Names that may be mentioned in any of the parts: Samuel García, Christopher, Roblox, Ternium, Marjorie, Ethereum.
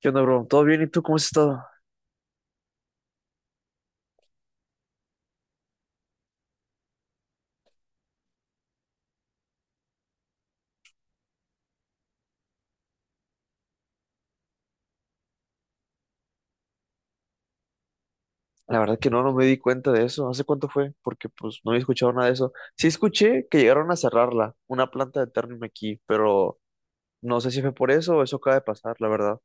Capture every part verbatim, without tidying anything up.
¿Qué onda, bro? ¿Todo bien? ¿Y tú cómo has estado? La verdad que no, no me di cuenta de eso. ¿Hace cuánto fue? Porque pues no había escuchado nada de eso. Sí escuché que llegaron a cerrarla, una planta de Ternium aquí, pero no sé si fue por eso o eso acaba de pasar, la verdad.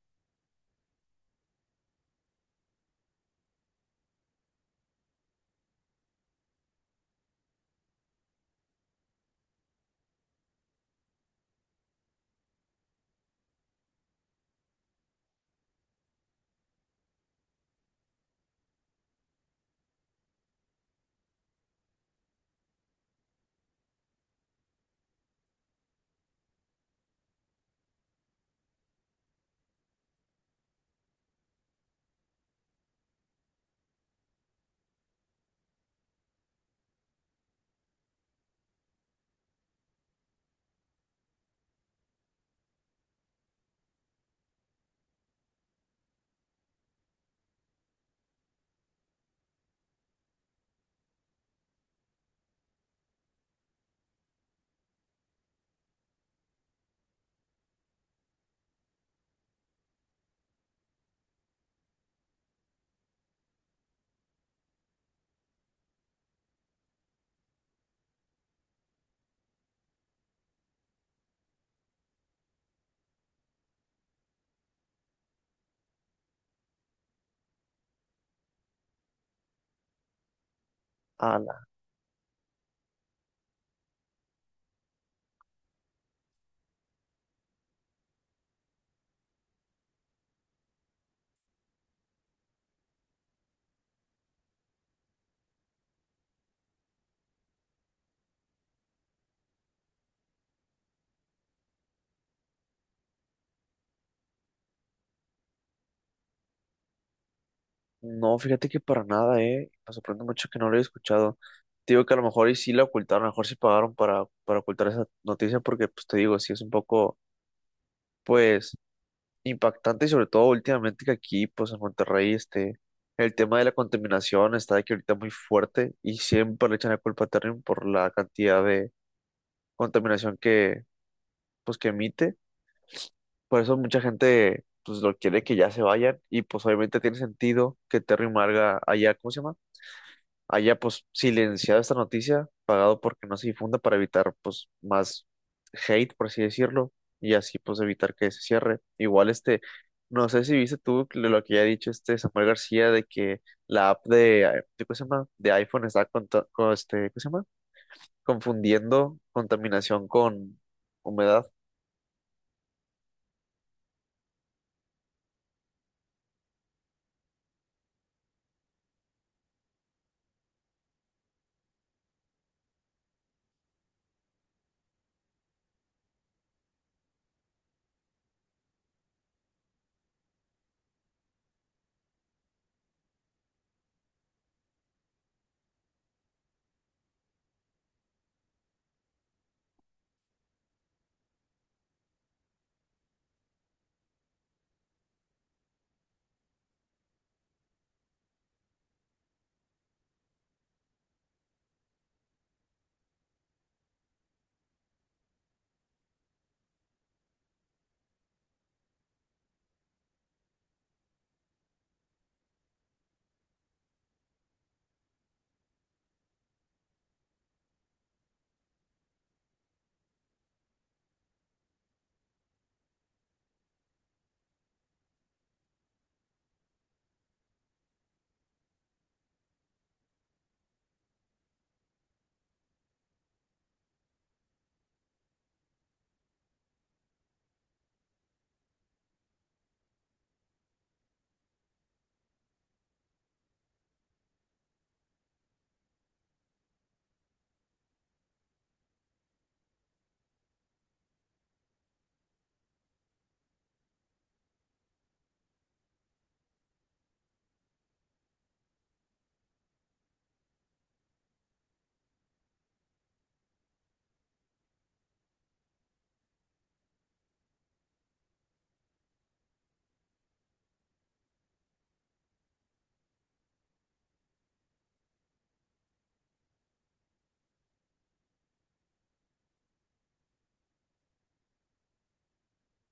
Ala. No, fíjate que para nada, ¿eh? Me sorprende mucho que no lo haya escuchado. Te digo que a lo mejor y sí la ocultaron, a lo mejor sí pagaron para, para ocultar esa noticia porque pues te digo, sí es un poco, pues impactante y sobre todo últimamente que aquí, pues en Monterrey, este, el tema de la contaminación está de que ahorita muy fuerte y siempre le echan la culpa a Ternium por la cantidad de contaminación que, pues, que emite. Por eso mucha gente, pues, lo quiere que ya se vayan y pues obviamente tiene sentido que Ternium haga allá, ¿cómo se llama? Haya pues silenciado esta noticia, pagado porque no se difunda para evitar pues más hate, por así decirlo, y así pues evitar que se cierre. Igual este, no sé si viste tú lo lo que ya ha dicho este Samuel García de que la app de, eh, de, ¿cómo se llama? De iPhone está conta- con, este, ¿cómo se llama? Confundiendo contaminación con humedad.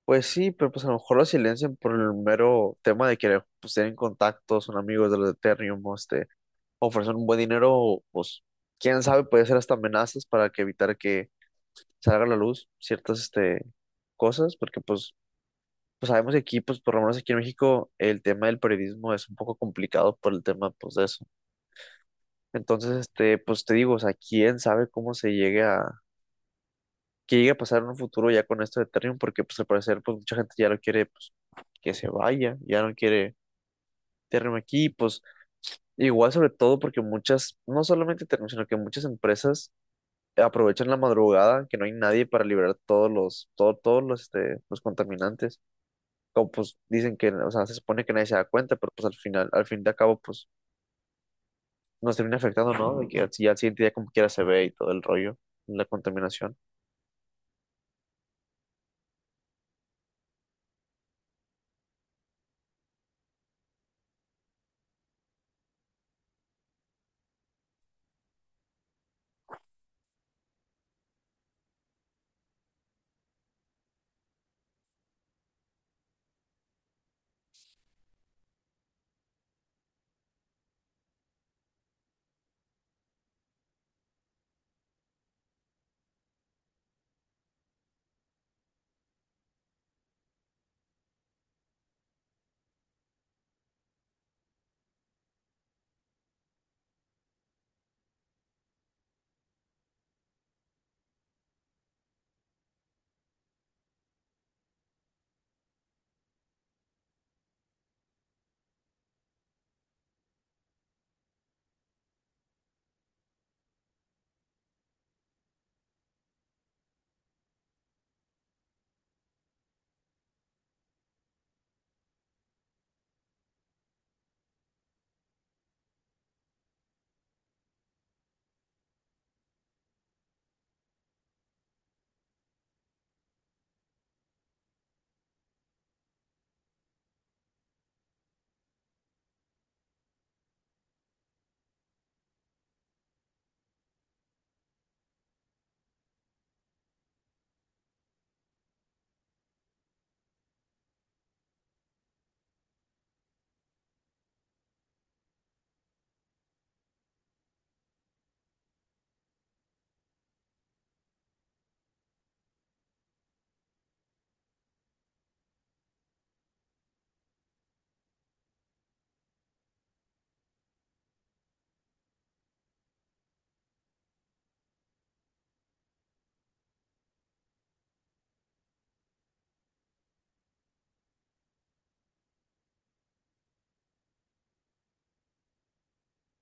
Pues sí, pero pues a lo mejor lo silencian por el mero tema de que pues tienen contactos, son amigos de los de Ethereum, o este, ofrecer un buen dinero, pues, quién sabe, puede ser hasta amenazas para que evitar que salga a la luz ciertas, este, cosas, porque pues, pues sabemos que aquí, pues, por lo menos aquí en México, el tema del periodismo es un poco complicado por el tema, pues, de eso. Entonces, este, pues te digo, o sea, quién sabe cómo se llegue a, qué llegue a pasar en un futuro ya con esto de Ethereum, porque pues al parecer, pues, mucha gente ya lo quiere, pues, que se vaya, ya no quiere Ethereum aquí, pues, igual sobre todo porque muchas, no solamente Ethereum, sino que muchas empresas aprovechan la madrugada, que no hay nadie para liberar todos los, todo- todos los, este, los contaminantes. Como pues dicen que, o sea, se supone que nadie se da cuenta, pero pues al final, al fin de cabo, pues nos termina afectando, ¿no? De que al- ya al siguiente día como quiera se ve y todo el rollo, la contaminación.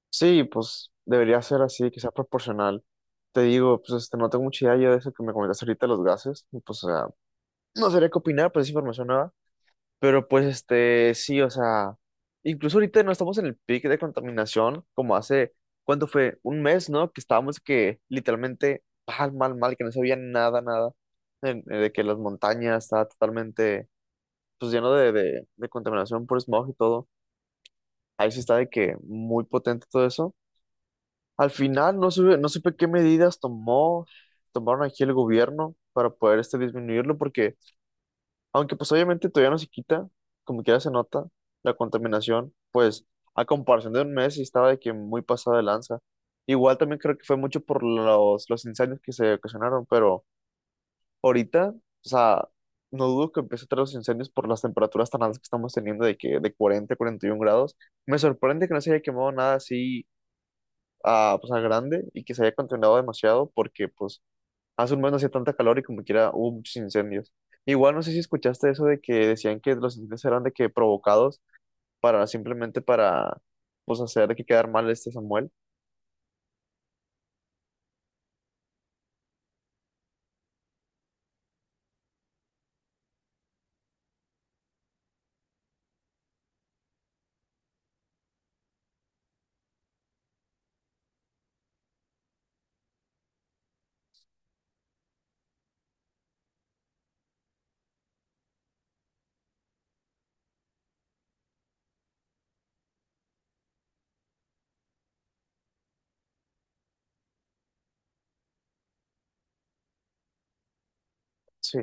Sí, pues debería ser así, que sea proporcional. Te digo, pues este, no tengo mucha idea yo de eso que me comentaste ahorita, los gases, y, pues, o sea, no sabría qué opinar, pues es información nueva. Pero pues este, sí, o sea, incluso ahorita no estamos en el pic de contaminación como hace, ¿cuánto fue? Un mes, ¿no? Que estábamos que literalmente mal, mal, mal, que no se veía nada, nada, en- eh, de que las montañas estaba totalmente, pues lleno de, de, de contaminación por smog y todo. Ahí sí está de que muy potente todo eso. Al final no supe, no supe qué medidas tomó, tomaron aquí el gobierno para poder este, disminuirlo, porque aunque pues obviamente todavía no se quita, como quiera se nota la contaminación, pues a comparación de un mes sí estaba de que muy pasada de lanza. Igual también creo que fue mucho por los, los incendios que se ocasionaron, pero ahorita, o sea, no dudo que empiece a traer los incendios por las temperaturas tan altas que estamos teniendo de que de cuarenta a cuarenta y uno grados. Me sorprende que no se haya quemado nada así a, pues, a grande y que se haya contaminado demasiado porque pues hace un mes no hacía tanta calor y como quiera hubo muchos incendios. Igual no sé si escuchaste eso de que decían que los incendios eran de que provocados para simplemente para pues hacer de que quedar mal este Samuel. Sí.